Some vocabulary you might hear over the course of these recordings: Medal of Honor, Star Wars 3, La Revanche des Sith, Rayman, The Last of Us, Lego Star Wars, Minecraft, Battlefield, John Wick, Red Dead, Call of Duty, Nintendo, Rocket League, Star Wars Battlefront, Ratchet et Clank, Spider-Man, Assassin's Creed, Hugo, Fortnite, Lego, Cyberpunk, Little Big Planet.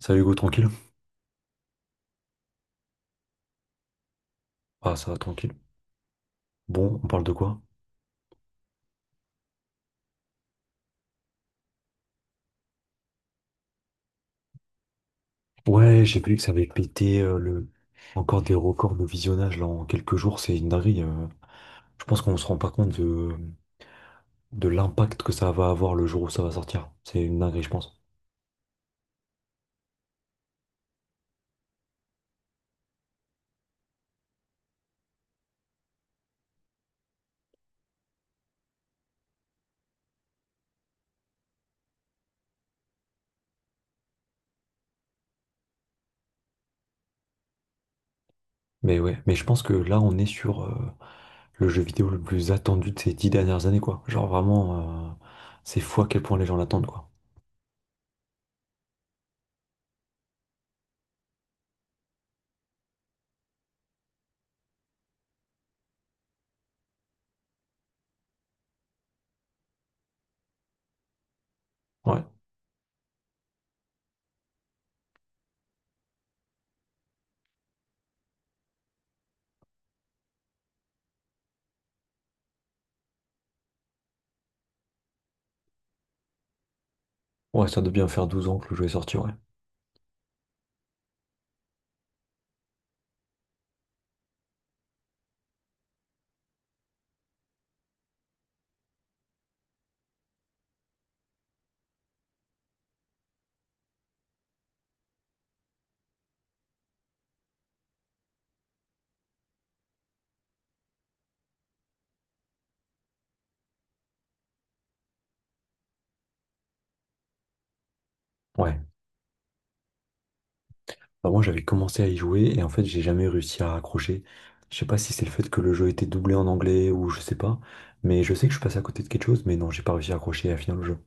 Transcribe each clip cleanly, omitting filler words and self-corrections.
Salut Hugo, tranquille? Ah, ça va, tranquille. Bon, on parle de quoi? Ouais, j'ai vu que ça avait pété le... encore des records de visionnage là en quelques jours, c'est une dinguerie. Je pense qu'on se rend pas compte de l'impact que ça va avoir le jour où ça va sortir. C'est une dinguerie, je pense. Mais ouais, mais je pense que là, on est sur le jeu vidéo le plus attendu de ces dix dernières années, quoi. Genre vraiment, c'est fou à quel point les gens l'attendent, quoi. Ouais, ouais, ça doit bien faire 12 ans que le jeu est sorti, ouais. Ouais. Bah, moi, j'avais commencé à y jouer et en fait, j'ai jamais réussi à accrocher. Je sais pas si c'est le fait que le jeu était doublé en anglais ou je sais pas, mais je sais que je suis passé à côté de quelque chose, mais non, j'ai pas réussi à accrocher et à finir le jeu.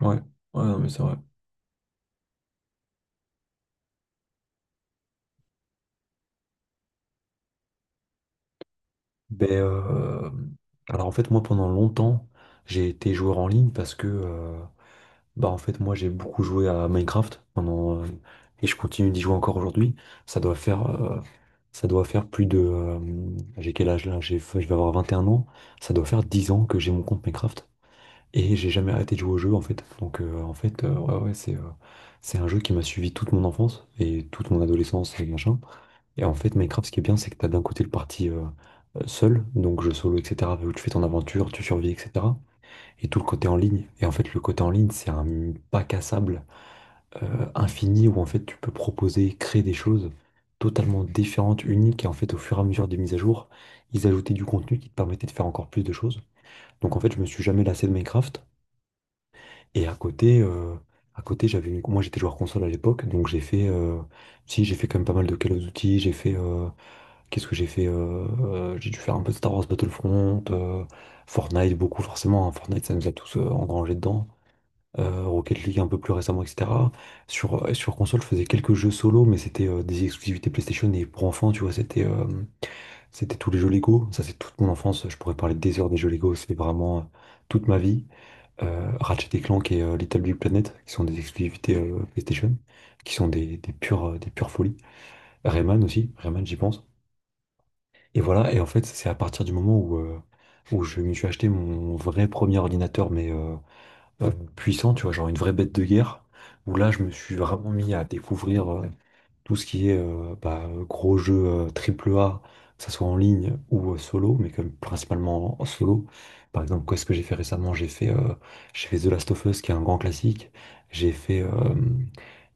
Ouais, ouais, non, mais c'est vrai. Ben, euh, alors en fait, moi, pendant longtemps, j'ai été joueur en ligne parce que, bah, en fait, moi, j'ai beaucoup joué à Minecraft pendant, et je continue d'y jouer encore aujourd'hui. Ça doit faire, ça doit faire plus de, j'ai quel âge là? J'ai, je vais avoir 21 ans. Ça doit faire 10 ans que j'ai mon compte Minecraft. Et j'ai jamais arrêté de jouer au jeu en fait. Donc en fait, ouais, ouais, c'est un jeu qui m'a suivi toute mon enfance et toute mon adolescence et machin. Et en fait, Minecraft, ce qui est bien, c'est que t'as d'un côté le parti seul, donc jeu solo, etc., où tu fais ton aventure, tu survis, etc. Et tout le côté en ligne. Et en fait, le côté en ligne, c'est un bac à sable infini où en fait, tu peux proposer, créer des choses totalement différentes, uniques. Et en fait, au fur et à mesure des mises à jour, ils ajoutaient du contenu qui te permettait de faire encore plus de choses. Donc en fait, je me suis jamais lassé de Minecraft. Et à côté, moi j'étais joueur console à l'époque, donc j'ai fait, si j'ai fait quand même pas mal de Call of Duty, j'ai fait, qu'est-ce que j'ai fait, j'ai dû faire un peu de Star Wars Battlefront, Fortnite beaucoup forcément, hein, Fortnite ça nous a tous engrangés dedans, Rocket League un peu plus récemment, etc. Sur sur console, je faisais quelques jeux solo, mais c'était des exclusivités PlayStation et pour enfants, tu vois, c'était tous les jeux Lego, ça c'est toute mon enfance, je pourrais parler des heures des jeux Lego, c'est vraiment toute ma vie Ratchet et Clank et Little Big Planet, qui sont des exclusivités PlayStation, qui sont des des pures folies. Rayman aussi, Rayman j'y pense. Et voilà, et en fait c'est à partir du moment où je me suis acheté mon vrai premier ordinateur, mais euh, puissant, tu vois, genre une vraie bête de guerre, où là je me suis vraiment mis à découvrir tout ce qui est bah, gros jeux triple A, que ce soit en ligne ou solo, mais comme principalement en solo. Par exemple, qu'est-ce que j'ai fait récemment? J'ai fait, j'ai fait The Last of Us, qui est un grand classique. J'ai fait,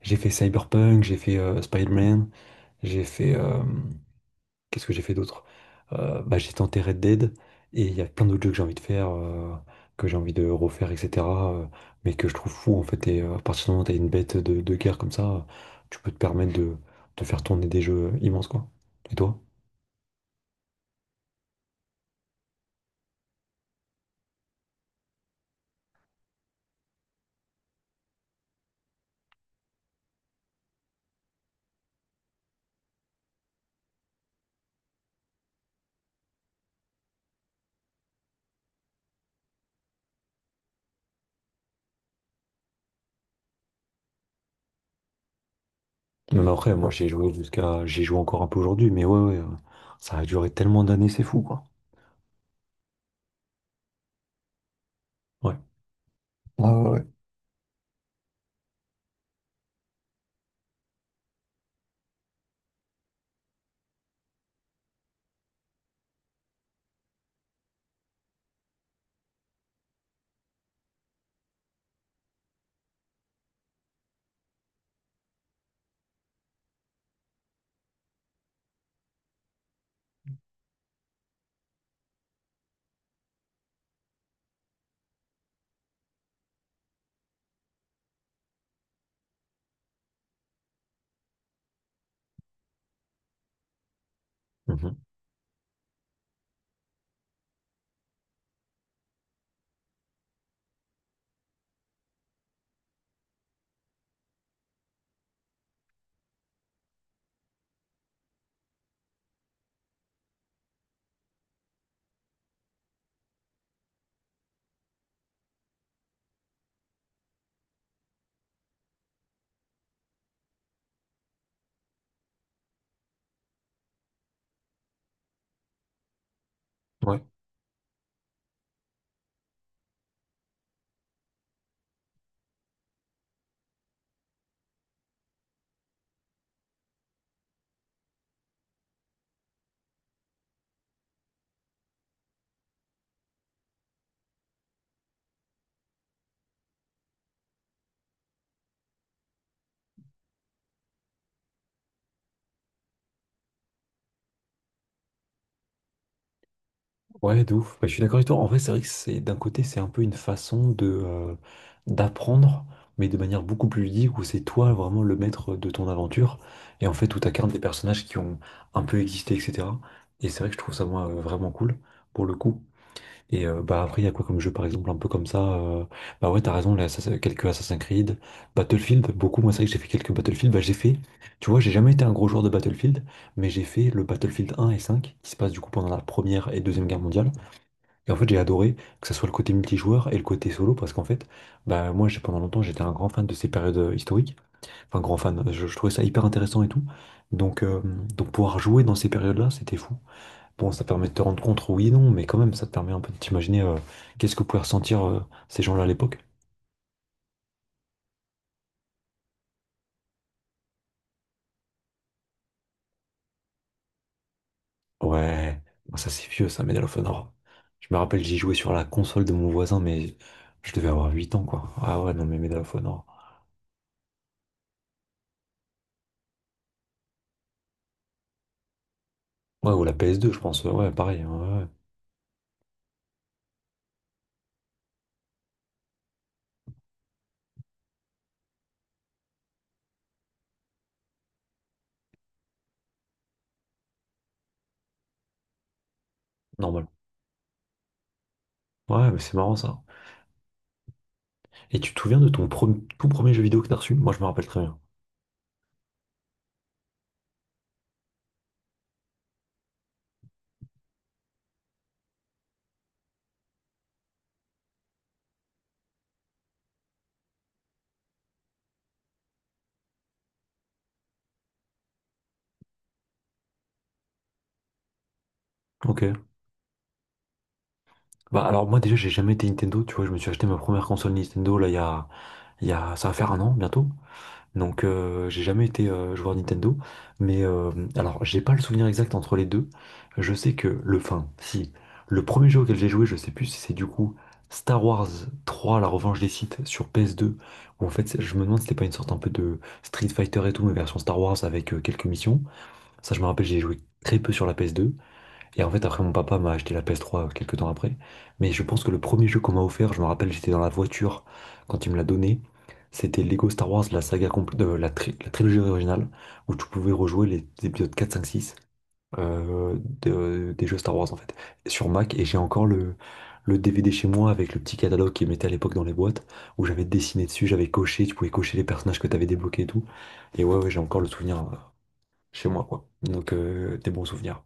j'ai fait Cyberpunk, j'ai fait Spider-Man, j'ai fait, qu'est-ce que j'ai fait d'autre? Bah, j'ai tenté Red Dead et il y a plein d'autres jeux que j'ai envie de faire, que j'ai envie de refaire, etc. euh, mais que je trouve fou en fait. Et à partir du moment où t'as une bête de guerre comme ça, tu peux te permettre de faire tourner des jeux immenses quoi. Et toi? Même après, moi ouais, j'ai joué jusqu'à, j'y joue encore un peu aujourd'hui, mais ouais, ouais, ça a duré tellement d'années, c'est fou quoi. Ouais. Ouais, ouais, ouais. Mhm. Ouais. Ouais, de ouf. Bah, je suis d'accord avec toi. En vrai, c'est vrai que c'est d'un côté, c'est un peu une façon de d'apprendre, mais de manière beaucoup plus ludique, où c'est toi vraiment le maître de ton aventure. Et en fait, où t'incarnes des personnages qui ont un peu existé, etc. Et c'est vrai que je trouve ça, moi, vraiment cool, pour le coup. Et bah après, il y a quoi comme jeu, par exemple, un peu comme ça bah ouais, t'as raison, quelques Assassin's Creed, Battlefield, beaucoup. Moi, c'est vrai que j'ai fait quelques Battlefield. Bah, j'ai fait, tu vois, j'ai jamais été un gros joueur de Battlefield, mais j'ai fait le Battlefield 1 et 5 qui se passe du coup pendant la Première et Deuxième Guerre mondiale. Et en fait, j'ai adoré que ce soit le côté multijoueur et le côté solo parce qu'en fait, bah, moi, j'ai, pendant longtemps, j'étais un grand fan de ces périodes historiques. Enfin, grand fan, je trouvais ça hyper intéressant et tout. Donc, euh, donc pouvoir jouer dans ces périodes-là, c'était fou. Bon, ça permet de te rendre compte, oui et non, mais quand même, ça te permet un peu de t'imaginer qu'est-ce que pouvaient ressentir ces gens-là à l'époque. Ouais, bon, ça c'est vieux, ça, Medal of Honor. Je me rappelle, j'y jouais sur la console de mon voisin, mais je devais avoir 8 ans, quoi. Ah ouais, non, mais Medal of Honor. Ouais, ou la PS2, je pense. Ouais, pareil, hein, ouais, ouais. Normal. Ouais, mais c'est marrant ça. Et tu te souviens de tout premier jeu vidéo que t'as reçu? Moi, je me rappelle très bien. Ok. Bah alors moi déjà, j'ai jamais été Nintendo, tu vois, je me suis acheté ma première console Nintendo là il y a ça va faire un an bientôt. Donc j'ai jamais été joueur Nintendo, mais alors j'ai pas le souvenir exact entre les deux. Je sais que le fin, si le premier jeu auquel j'ai joué, je sais plus si c'est du coup Star Wars 3, La Revanche des Sith sur PS2. Où en fait, je me demande si c'était pas une sorte un peu de Street Fighter et tout, mais version Star Wars avec quelques missions. Ça, je me rappelle, j'ai joué très peu sur la PS2. Et en fait, après, mon papa m'a acheté la PS3 quelques temps après. Mais je pense que le premier jeu qu'on m'a offert, je me rappelle, j'étais dans la voiture quand il me l'a donné. C'était Lego Star Wars, la saga complète, la trilogie originale, où tu pouvais rejouer les épisodes 4, 5, 6 des jeux Star Wars, en fait, sur Mac. Et j'ai encore le DVD chez moi avec le petit catalogue qu'ils mettaient à l'époque dans les boîtes, où j'avais dessiné dessus, j'avais coché, tu pouvais cocher les personnages que tu avais débloqués et tout. Et ouais, ouais, j'ai encore le souvenir chez moi, quoi. Donc, des bons souvenirs.